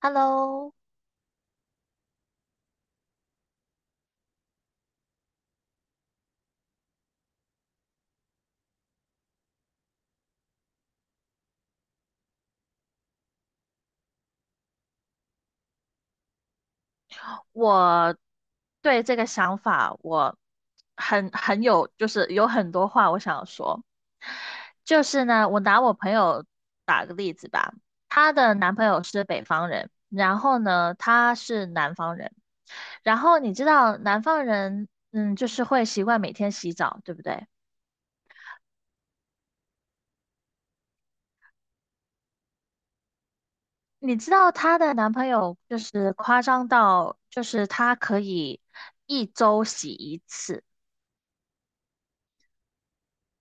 Hello，我对这个想法我很有，就是有很多话我想说。就是呢，我拿我朋友，她的男朋友是北方人，然后呢，她是南方人。然后你知道南方人，就是会习惯每天洗澡，对不对？你知道她的男朋友就是夸张到，就是他可以一周洗一次。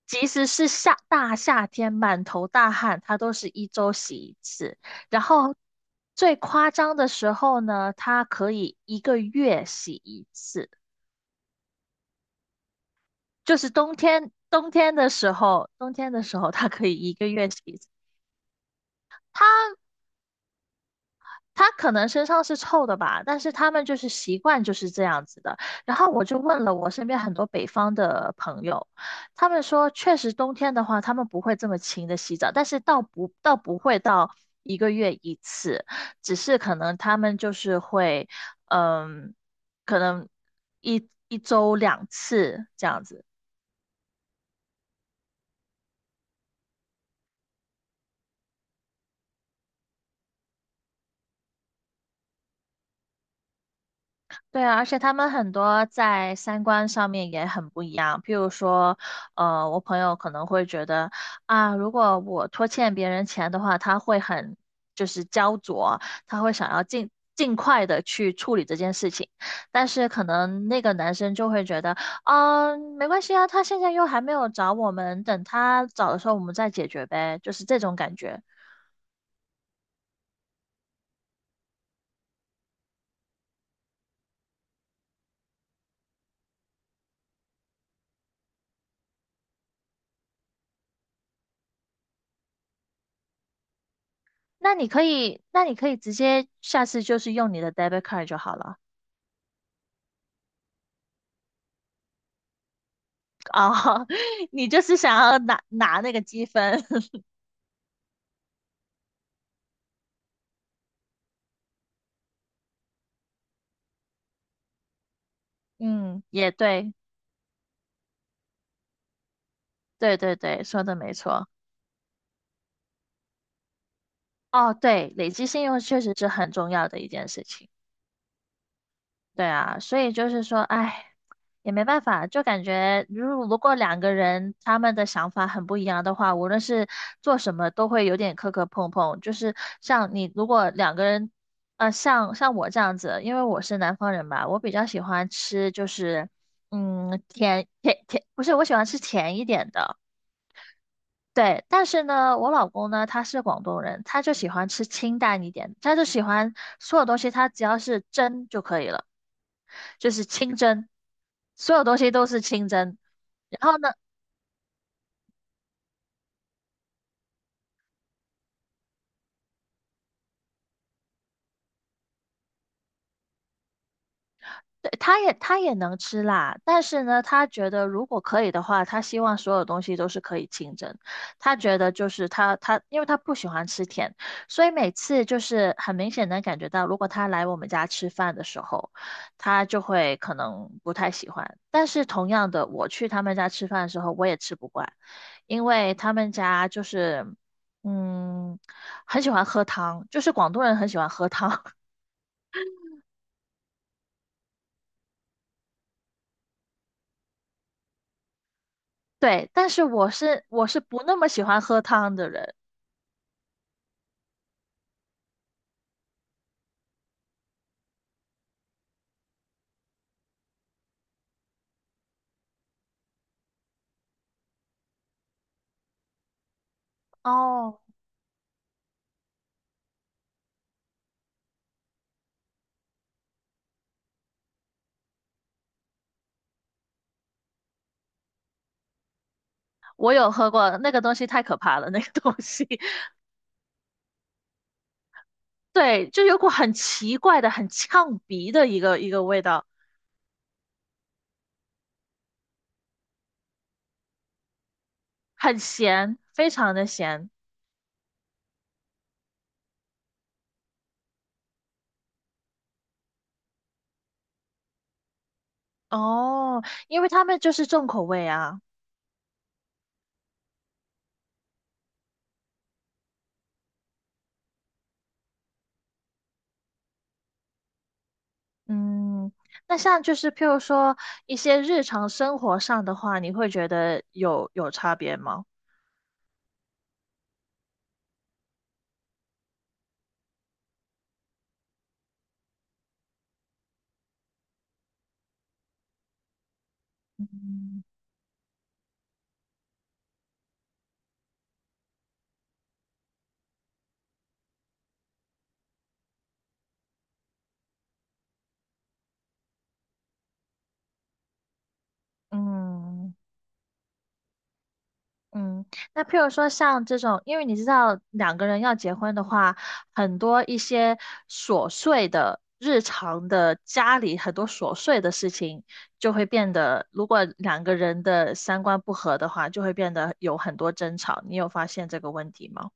即使是夏天满头大汗，他都是一周洗一次。然后最夸张的时候呢，他可以一个月洗一次，就是冬天的时候他可以一个月洗一次。它他可能身上是臭的吧，但是他们就是习惯就是这样子的。然后我就问了我身边很多北方的朋友，他们说确实冬天的话，他们不会这么勤的洗澡，但是倒不会到一个月一次，只是可能他们就是会，嗯，可能一周两次这样子。对啊，而且他们很多在三观上面也很不一样。譬如说，我朋友可能会觉得啊，如果我拖欠别人钱的话，他会就是焦灼，他会想要尽快的去处理这件事情。但是可能那个男生就会觉得，没关系啊，他现在又还没有找我们，等他找的时候我们再解决呗，就是这种感觉。那你可以直接下次就是用你的 debit card 就好了。哦，你就是想要拿那个积分，嗯，也对，对对对，说的没错。哦，对，累积信用确实是很重要的一件事情。对啊，所以就是说，哎，也没办法，就感觉如果两个人他们的想法很不一样的话，无论是做什么都会有点磕磕碰碰。就是像你，如果两个人，像我这样子，因为我是南方人吧，我比较喜欢吃就是，甜甜甜，不是，我喜欢吃甜一点的。对，但是呢，我老公呢，他是广东人，他就喜欢吃清淡一点，他就喜欢所有东西，他只要是蒸就可以了，就是清蒸，所有东西都是清蒸。然后呢，对，他也能吃辣，但是呢，他觉得如果可以的话，他希望所有东西都是可以清蒸。他觉得就是因为他不喜欢吃甜，所以每次就是很明显能感觉到，如果他来我们家吃饭的时候，他就会可能不太喜欢。但是同样的，我去他们家吃饭的时候，我也吃不惯，因为他们家就是嗯，很喜欢喝汤，就是广东人很喜欢喝汤。对，但是我是不那么喜欢喝汤的人。哦，我有喝过那个东西，太可怕了，那个东西，对，就有股很奇怪的、很呛鼻的一个味道，很咸，非常的咸。哦，因为他们就是重口味啊。嗯，那像就是譬如说一些日常生活上的话，你会觉得有差别吗？嗯，嗯。嗯，那譬如说像这种，因为你知道两个人要结婚的话，很多一些琐碎的日常的家里很多琐碎的事情，就会变得，如果两个人的三观不合的话，就会变得有很多争吵。你有发现这个问题吗？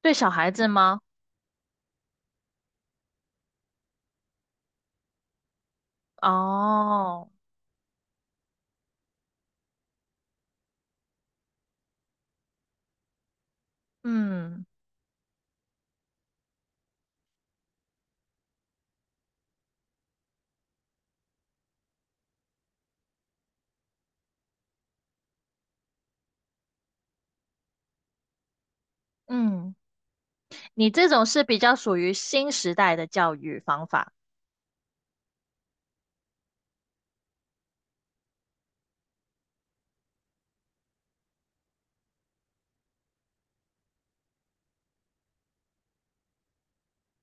对小孩子吗？哦，嗯嗯，你这种是比较属于新时代的教育方法。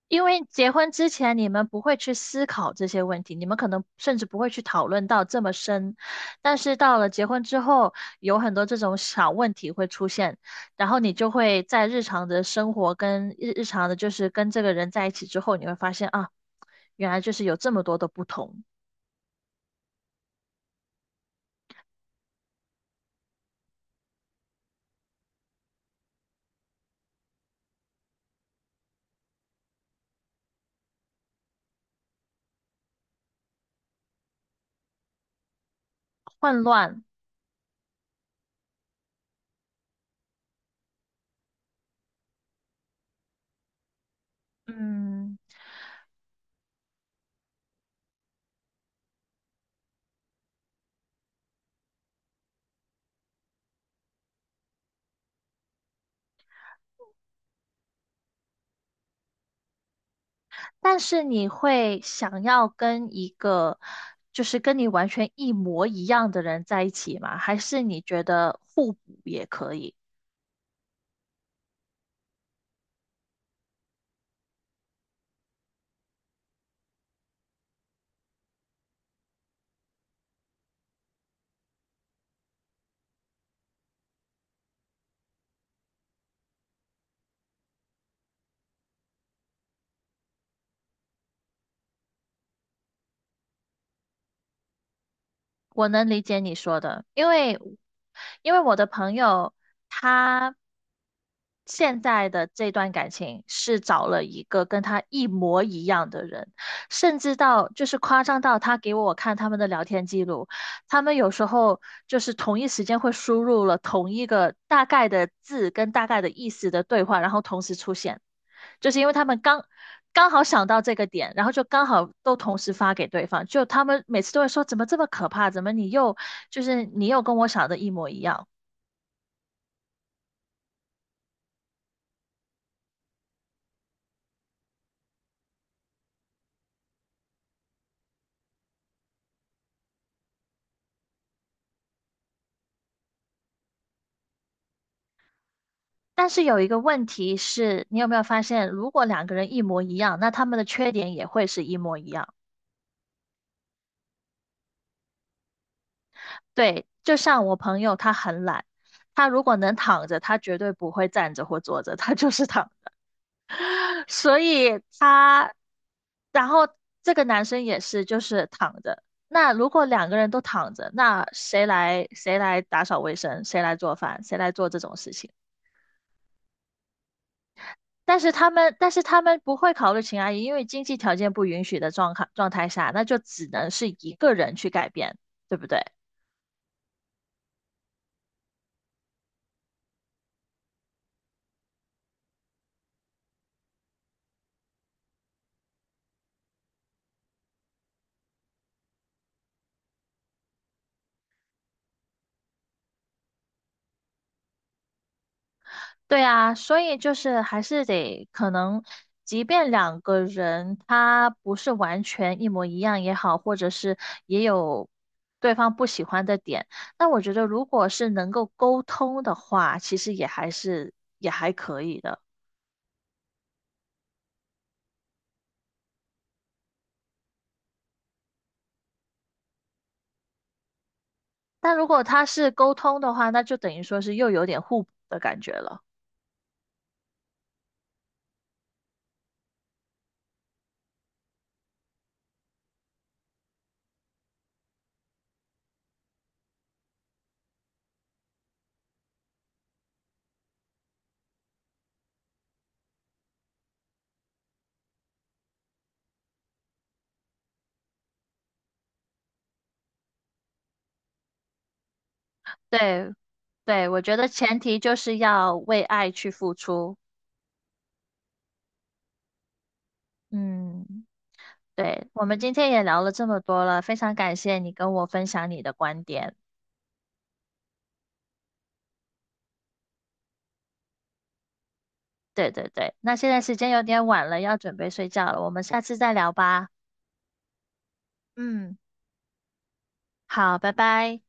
因为结婚之前，你们不会去思考这些问题，你们可能甚至不会去讨论到这么深。但是到了结婚之后，有很多这种小问题会出现，然后你就会在日常的生活跟日常的，就是跟这个人在一起之后，你会发现啊，原来就是有这么多的不同，混乱。嗯，但是你会想要跟一个就是跟你完全一模一样的人在一起吗？还是你觉得互补也可以？我能理解你说的，因为我的朋友他现在的这段感情是找了一个跟他一模一样的人，甚至到就是夸张到他给我看他们的聊天记录，他们有时候就是同一时间会输入了同一个大概的字跟大概的意思的对话，然后同时出现。就是因为他们刚刚好想到这个点，然后就刚好都同时发给对方，就他们每次都会说怎么这么可怕，怎么就是你又跟我想的一模一样。但是有一个问题是，你有没有发现，如果两个人一模一样，那他们的缺点也会是一模一样。对，就像我朋友他很懒，他如果能躺着，他绝对不会站着或坐着，他就是躺所以他，然后这个男生也是，就是躺着。那如果两个人都躺着，那谁来打扫卫生，谁来做饭，谁来做这种事情？但是他们不会考虑秦阿姨，因为经济条件不允许的状态下，那就只能是一个人去改变，对不对？对啊，所以就是还是得可能，即便两个人他不是完全一模一样也好，或者是也有对方不喜欢的点，那我觉得如果是能够沟通的话，其实也还是，但如果他是沟通的话，那就等于说是又有点互补的感觉了。对，对，我觉得前提就是要为爱去付出。嗯，对，我们今天也聊了这么多了，非常感谢你跟我分享你的观点。对对对，那现在时间有点晚了，要准备睡觉了，我们下次再聊吧。嗯，好，拜拜。